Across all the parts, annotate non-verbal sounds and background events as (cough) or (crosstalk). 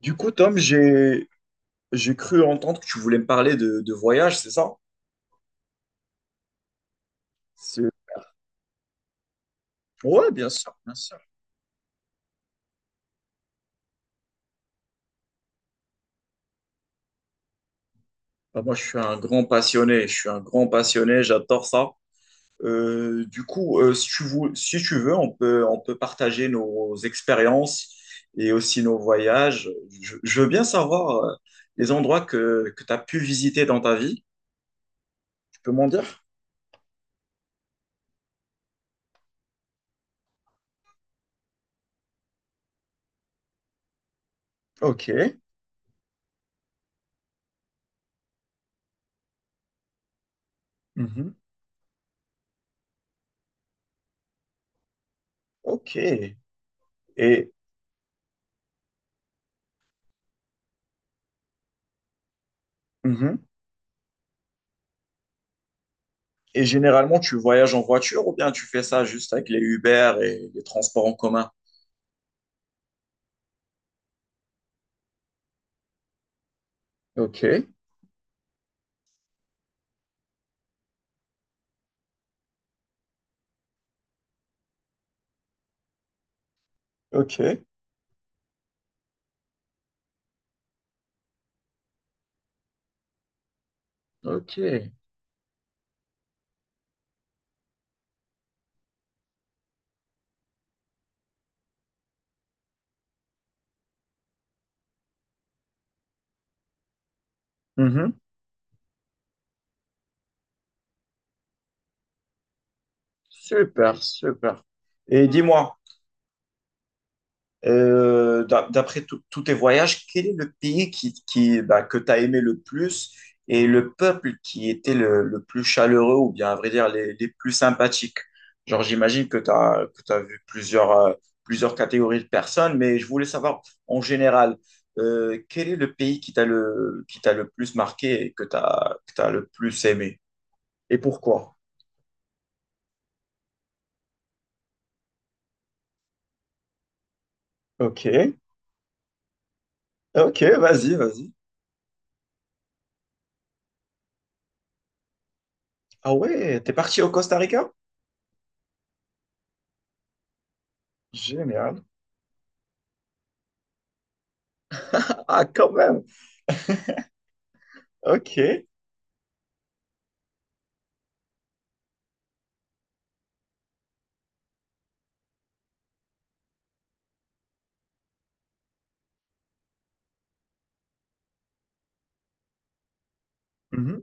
Du coup, Tom, j'ai cru entendre que tu voulais me parler de voyage, c'est ça? C'est- Ouais, bien sûr, bien sûr. Bah, moi, je suis un grand passionné, je suis un grand passionné, j'adore ça. Si tu veux, si tu veux, on peut partager nos expériences et aussi nos voyages. Je veux bien savoir les endroits que tu as pu visiter dans ta vie. Tu peux m'en dire? Ok. Mhm. Ok. Et... mhm. Et généralement, tu voyages en voiture ou bien tu fais ça juste avec les Uber et les transports en commun? Ok, ok, ok. Mhm. Super, super. Et dis-moi, D'après tous tes voyages, quel est le pays qui, bah, que tu as aimé le plus et le peuple qui était le plus chaleureux ou bien, à vrai dire, les plus sympathiques? Genre, j'imagine que tu as, que tu vu plusieurs, plusieurs catégories de personnes, mais je voulais savoir en général, quel est le pays qui t'a le plus marqué et que tu as, que t'as le plus aimé et pourquoi? Ok, ok, vas-y, vas-y. Ah ouais, t'es parti au Costa Rica? Génial. Ah, quand même. Ok. Mhm.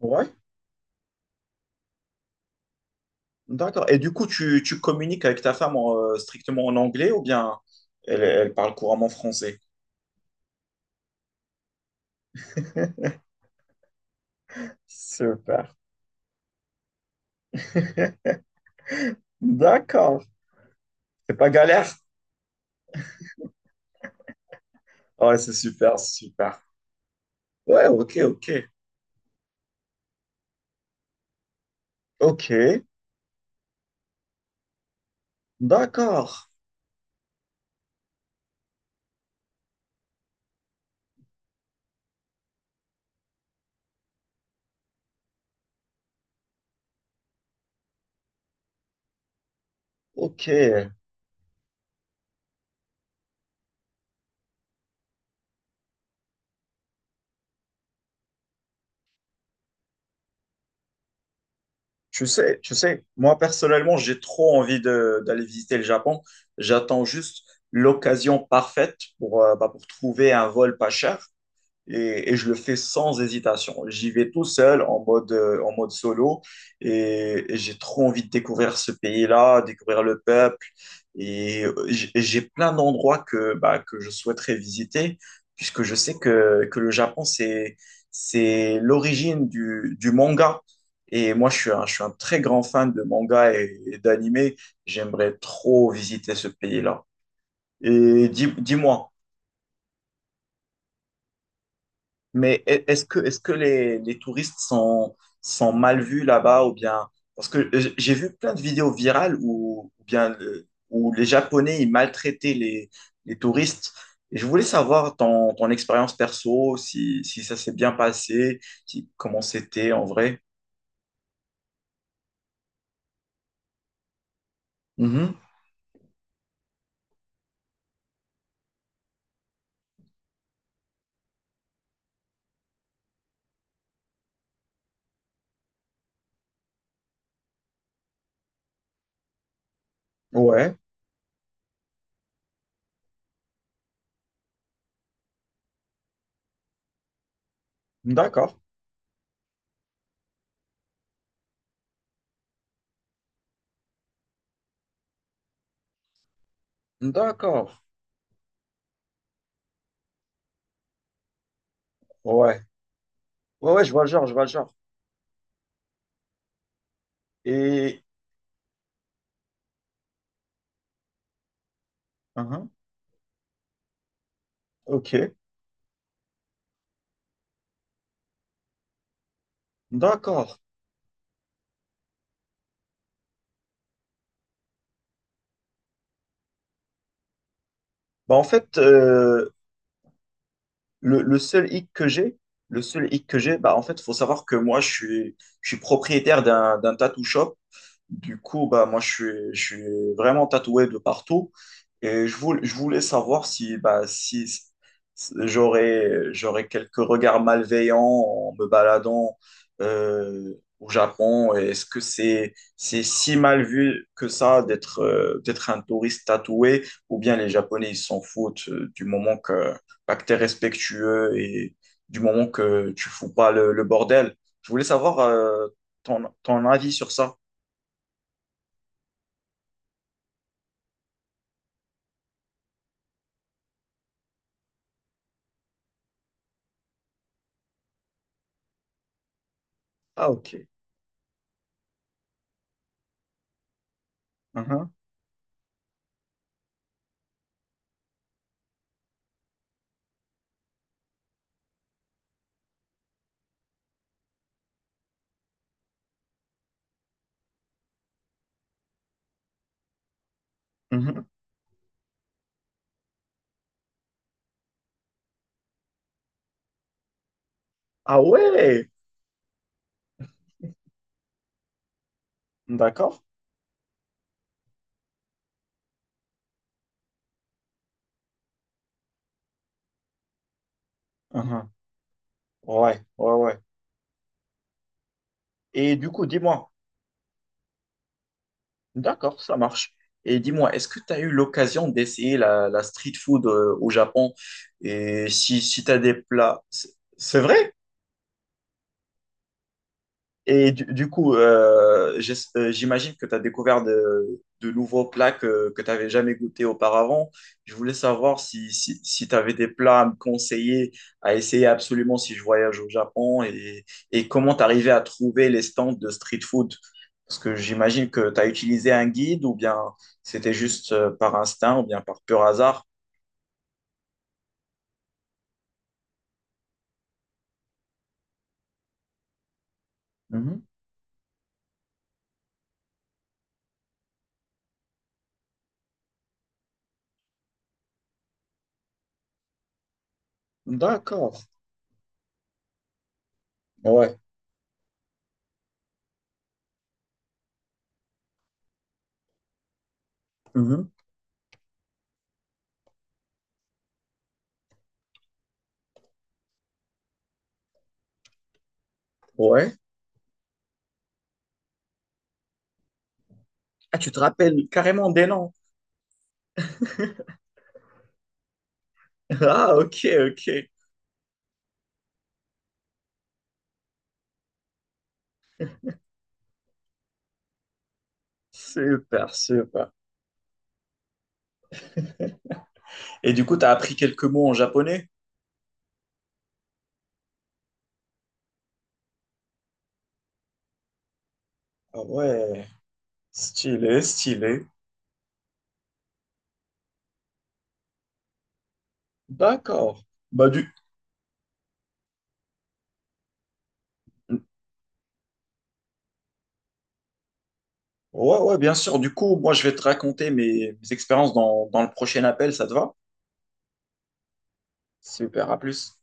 Ouais, d'accord. Et du coup, tu communiques avec ta femme en, strictement en anglais ou bien elle, elle parle couramment français? (laughs) Super. D'accord. C'est pas galère? Ouais, c'est super, c'est super. Ouais, ok, ok. Ok, d'accord. Ok. Tu sais, moi personnellement, j'ai trop envie de, d'aller visiter le Japon. J'attends juste l'occasion parfaite pour, bah, pour trouver un vol pas cher et je le fais sans hésitation. J'y vais tout seul en mode solo et j'ai trop envie de découvrir ce pays-là, découvrir le peuple et et j'ai plein d'endroits que, bah, que je souhaiterais visiter puisque je sais que le Japon, c'est l'origine du manga. Et moi, je suis un très grand fan de manga et d'animé. J'aimerais trop visiter ce pays-là. Et dis-moi, Mais est-ce que les touristes sont, sont mal vus là-bas ou bien... Parce que j'ai vu plein de vidéos virales où, ou bien, où les Japonais ils maltraitaient les touristes. Et je voulais savoir ton, ton expérience perso, si, si ça s'est bien passé, comment c'était en vrai. Mhm. Ouais, d'accord, d'accord. Ouais, ouais, ouais, je vois le genre, je vois le genre. Et... Mhm. Ok, d'accord. Bah, en fait, euh, le seul hic que j'ai, le seul hic que j'ai, bah en fait, faut savoir que moi, je suis propriétaire d'un, d'un tattoo shop. Du coup, bah moi, je suis vraiment tatoué de partout. Et je voulais savoir si, bah, si si j'aurais, j'aurais quelques regards malveillants en me baladant euh, au Japon. Et est-ce que c'est si mal vu que ça d'être d'être un touriste tatoué? Ou bien les Japonais, ils s'en foutent du moment que acteur respectueux et du moment que tu fous pas le, le bordel. Je voulais savoir ton, ton avis sur ça. Ah, ok. Mhm, mhm. Ah ouais, d'accord. Mhm. Ouais, ouais, ouais. Et du coup, dis-moi, d'accord, ça marche. Et dis-moi, est-ce que tu as eu l'occasion d'essayer la, la street food au Japon? Et si, si tu as des plats, c'est vrai? Et du coup, j'imagine que tu as découvert de nouveaux plats que tu n'avais jamais goûté auparavant. Je voulais savoir si, si, si tu avais des plats à me conseiller, à essayer absolument si je voyage au Japon et comment tu arrivais à trouver les stands de street food. Parce que j'imagine que tu as utilisé un guide ou bien c'était juste par instinct ou bien par pur hasard. Mhm. D'accord. Ouais. Mhm. Ouais. Ah, tu te rappelles carrément des noms. (laughs) Ah, ok, ok. Super, super. Et du coup, tu as appris quelques mots en japonais? Ah ouais, stylé, stylé. D'accord. Bah du... Ouais, ouais, bien sûr. Du coup, moi, je vais te raconter mes, mes expériences dans, dans le prochain appel, ça te va? Super, à plus.